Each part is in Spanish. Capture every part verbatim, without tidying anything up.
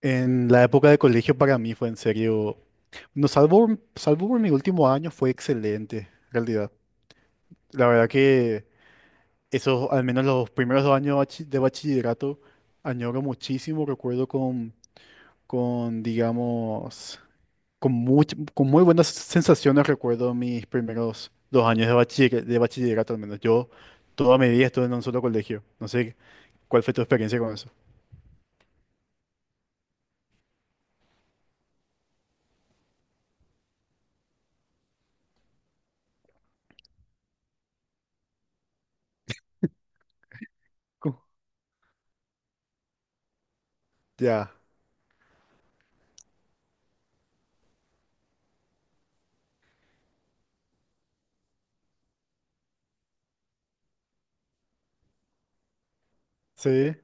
En la época de colegio para mí fue en serio, no, salvo, salvo por mi último año fue excelente, en realidad. La verdad que esos, al menos los primeros dos años bachi- de bachillerato, añoro muchísimo, recuerdo con, con digamos, con, much- con muy buenas sensaciones recuerdo mis primeros dos años de bachiller- de bachillerato, al menos. Yo toda mi vida estuve en un solo colegio, no sé cuál fue tu experiencia con eso. Co- Ya, sí.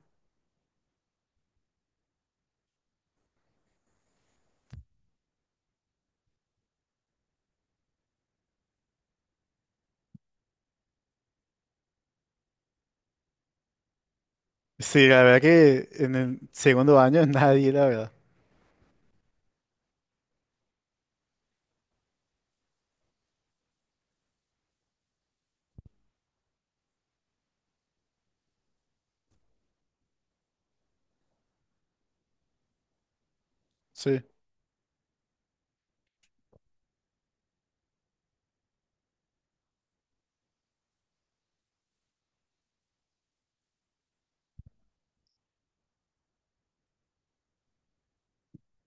Sí, la verdad que en el segundo año nadie, la verdad. Sí,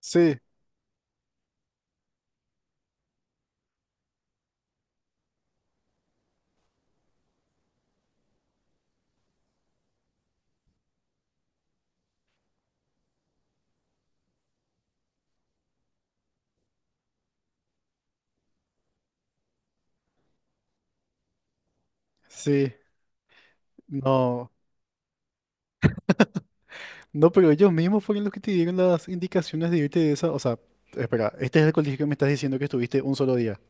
sí, sí, no. No, pero ellos mismos fueron los que te dieron las indicaciones de irte de esa. O sea, espera, este es el colegio que me estás diciendo que estuviste un solo día.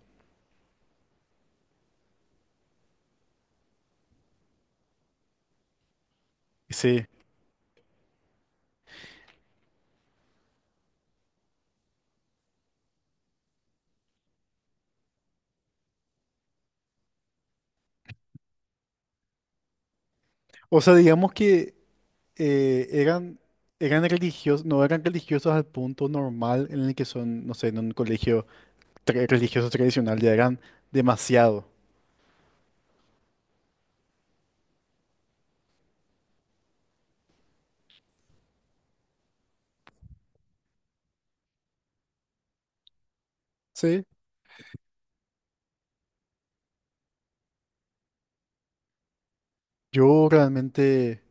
Sí. O sea, digamos que eh, eran, eran religiosos, no eran religiosos al punto normal en el que son, no sé, en un colegio tra- religioso tradicional, ya eran demasiado. Sí. Yo realmente.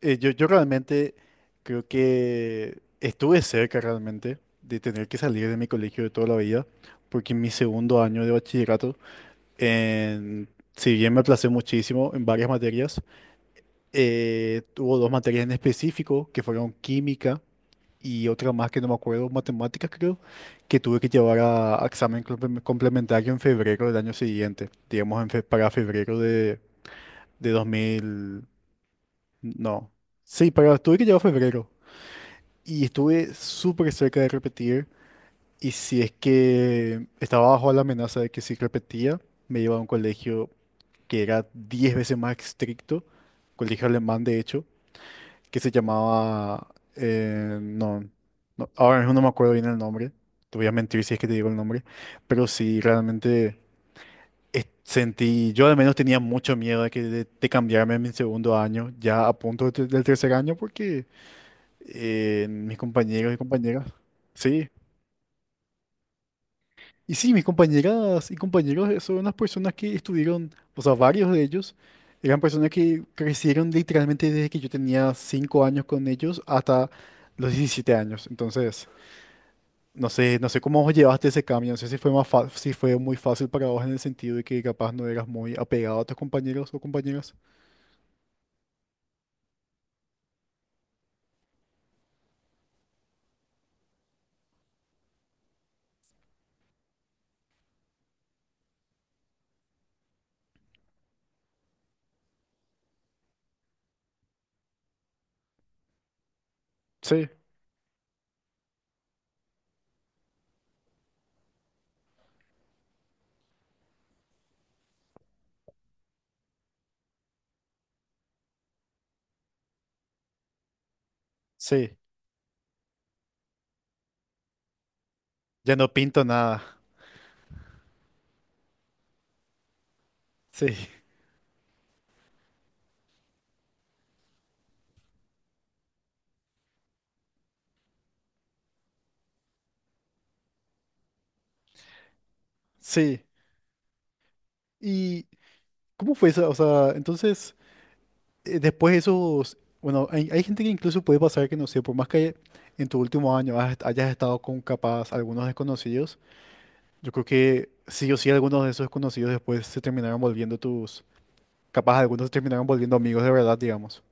Eh, yo, yo realmente creo que estuve cerca realmente de tener que salir de mi colegio de toda la vida, porque en mi segundo año de bachillerato, en- si bien me aplacé muchísimo en varias materias, eh, tuvo dos materias en específico, que fueron química y otra más que no me acuerdo, matemáticas creo, que tuve que llevar a, a examen complem- complementario en febrero del año siguiente, digamos en fe- para febrero de, de dos mil, no, sí, para, tuve que llevar febrero. Y estuve súper cerca de repetir. Y si es que estaba bajo la amenaza de que si repetía, me iba a un colegio que era diez veces más estricto, colegio alemán de hecho, que se llamaba. Eh, no, no, ahora mismo no me acuerdo bien el nombre. Te voy a mentir si es que te digo el nombre. Pero sí, realmente es- sentí. Yo al menos tenía mucho miedo de, que, de, de cambiarme en mi segundo año, ya a punto de- del tercer año, porque eh, mis compañeros y compañeras. Sí, y sí, mis compañeras y compañeros eh, son unas personas que estuvieron, o sea, varios de ellos eran personas que crecieron literalmente desde que yo tenía cinco años con ellos hasta los diecisiete años. Entonces, no sé, no sé cómo vos llevaste ese cambio, no sé si fue más fa- si fue muy fácil para vos en el sentido de que capaz no eras muy apegado a tus compañeros o compañeras. Sí, sí, ya no pinto nada. Sí, sí. ¿Y cómo fue esa? O sea, entonces eh, después esos, bueno, hay, hay gente que incluso puede pasar que, no sé, por más que en tu último año has- hayas estado con capaz algunos desconocidos, yo creo que sí o sí algunos de esos desconocidos después se terminaron volviendo tus, capaz algunos se terminaron volviendo amigos de verdad, digamos.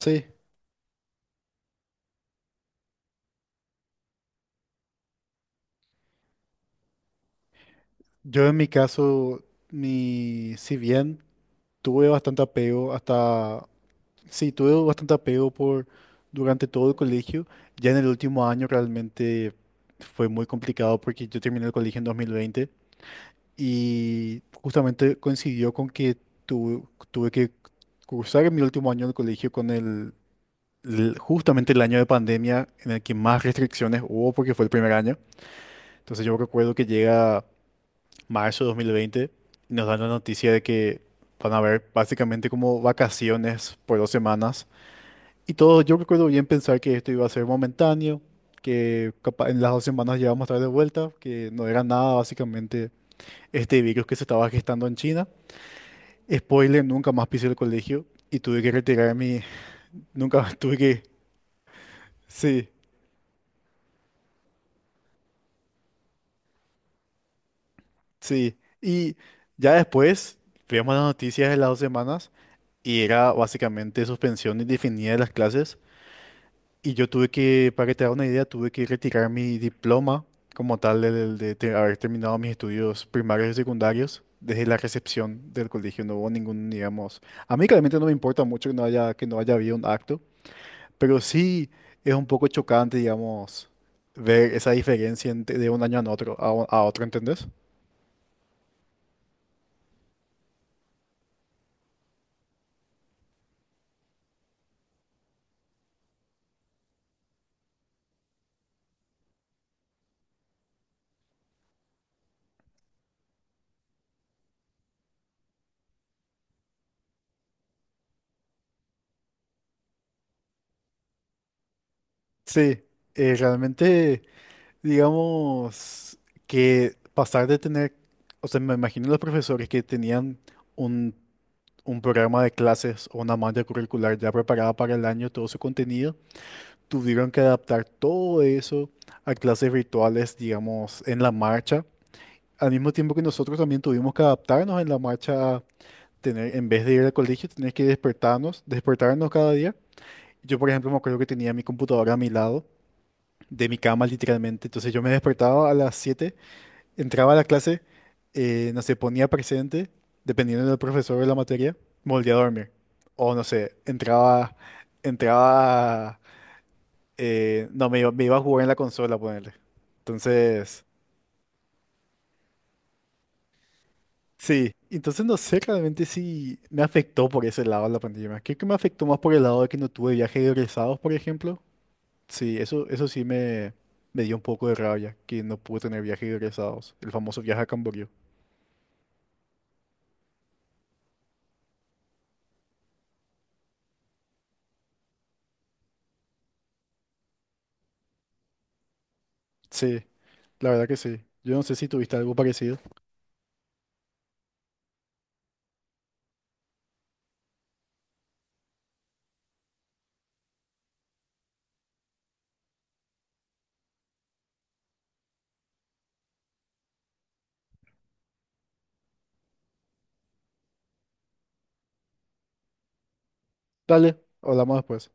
Sí, yo en mi caso, mi, si bien tuve bastante apego hasta, sí, tuve bastante apego por durante todo el colegio, ya en el último año realmente fue muy complicado porque yo terminé el colegio en dos mil veinte y justamente coincidió con que tu- tuve que cursar mi último año del colegio con el, el- justamente el año de pandemia en el que más restricciones hubo porque fue el primer año. Entonces yo recuerdo que llega marzo de dos mil veinte y nos dan la noticia de que van a haber básicamente como vacaciones por dos semanas. Y todo, yo recuerdo bien pensar que esto iba a ser momentáneo, que capa- en las dos semanas ya vamos a estar de vuelta, que no era nada básicamente este virus que se estaba gestando en China. Spoiler, nunca más pisé el colegio y tuve que retirar mi. Nunca más tuve que. Sí, sí. Y ya después veíamos las noticias de las dos semanas y era básicamente suspensión indefinida de las clases. Y yo tuve que, para que te hagas una idea, tuve que retirar mi diploma como tal de, de- de te- haber terminado mis estudios primarios y secundarios desde la recepción del colegio. No hubo ningún, digamos. A mí claramente no me importa mucho que no haya, que no haya, habido un acto. Pero sí es un poco chocante, digamos, ver esa diferencia ente- de un año a otro, a, o- a otro, ¿entendés? Sí, eh, realmente, digamos, que pasar de tener, o sea, me imagino los profesores que tenían un, un programa de clases o una malla curricular ya preparada para el año, todo su contenido, tuvieron que adaptar todo eso a clases virtuales, digamos, en la marcha, al mismo tiempo que nosotros también tuvimos que adaptarnos en la marcha tener, en vez de ir al colegio, tener que despertarnos, despertarnos cada día. Yo, por ejemplo, me acuerdo que tenía mi computadora a mi lado, de mi cama literalmente. Entonces yo me despertaba a las siete, entraba a la clase, eh, no sé, ponía presente, dependiendo del profesor de la materia, me volvía a dormir. O no sé, entraba, entraba, eh, no, me iba, me iba a jugar en la consola, ponerle. Entonces, sí, entonces no sé realmente si me afectó por ese lado la pandemia. Creo que me afectó más por el lado de que no tuve viajes egresados, por ejemplo. Sí, eso, eso sí me, me dio un poco de rabia, que no pude tener viajes egresados. El famoso viaje a Camboriú. Sí, la verdad que sí. Yo no sé si tuviste algo parecido. Dale, hablamos después.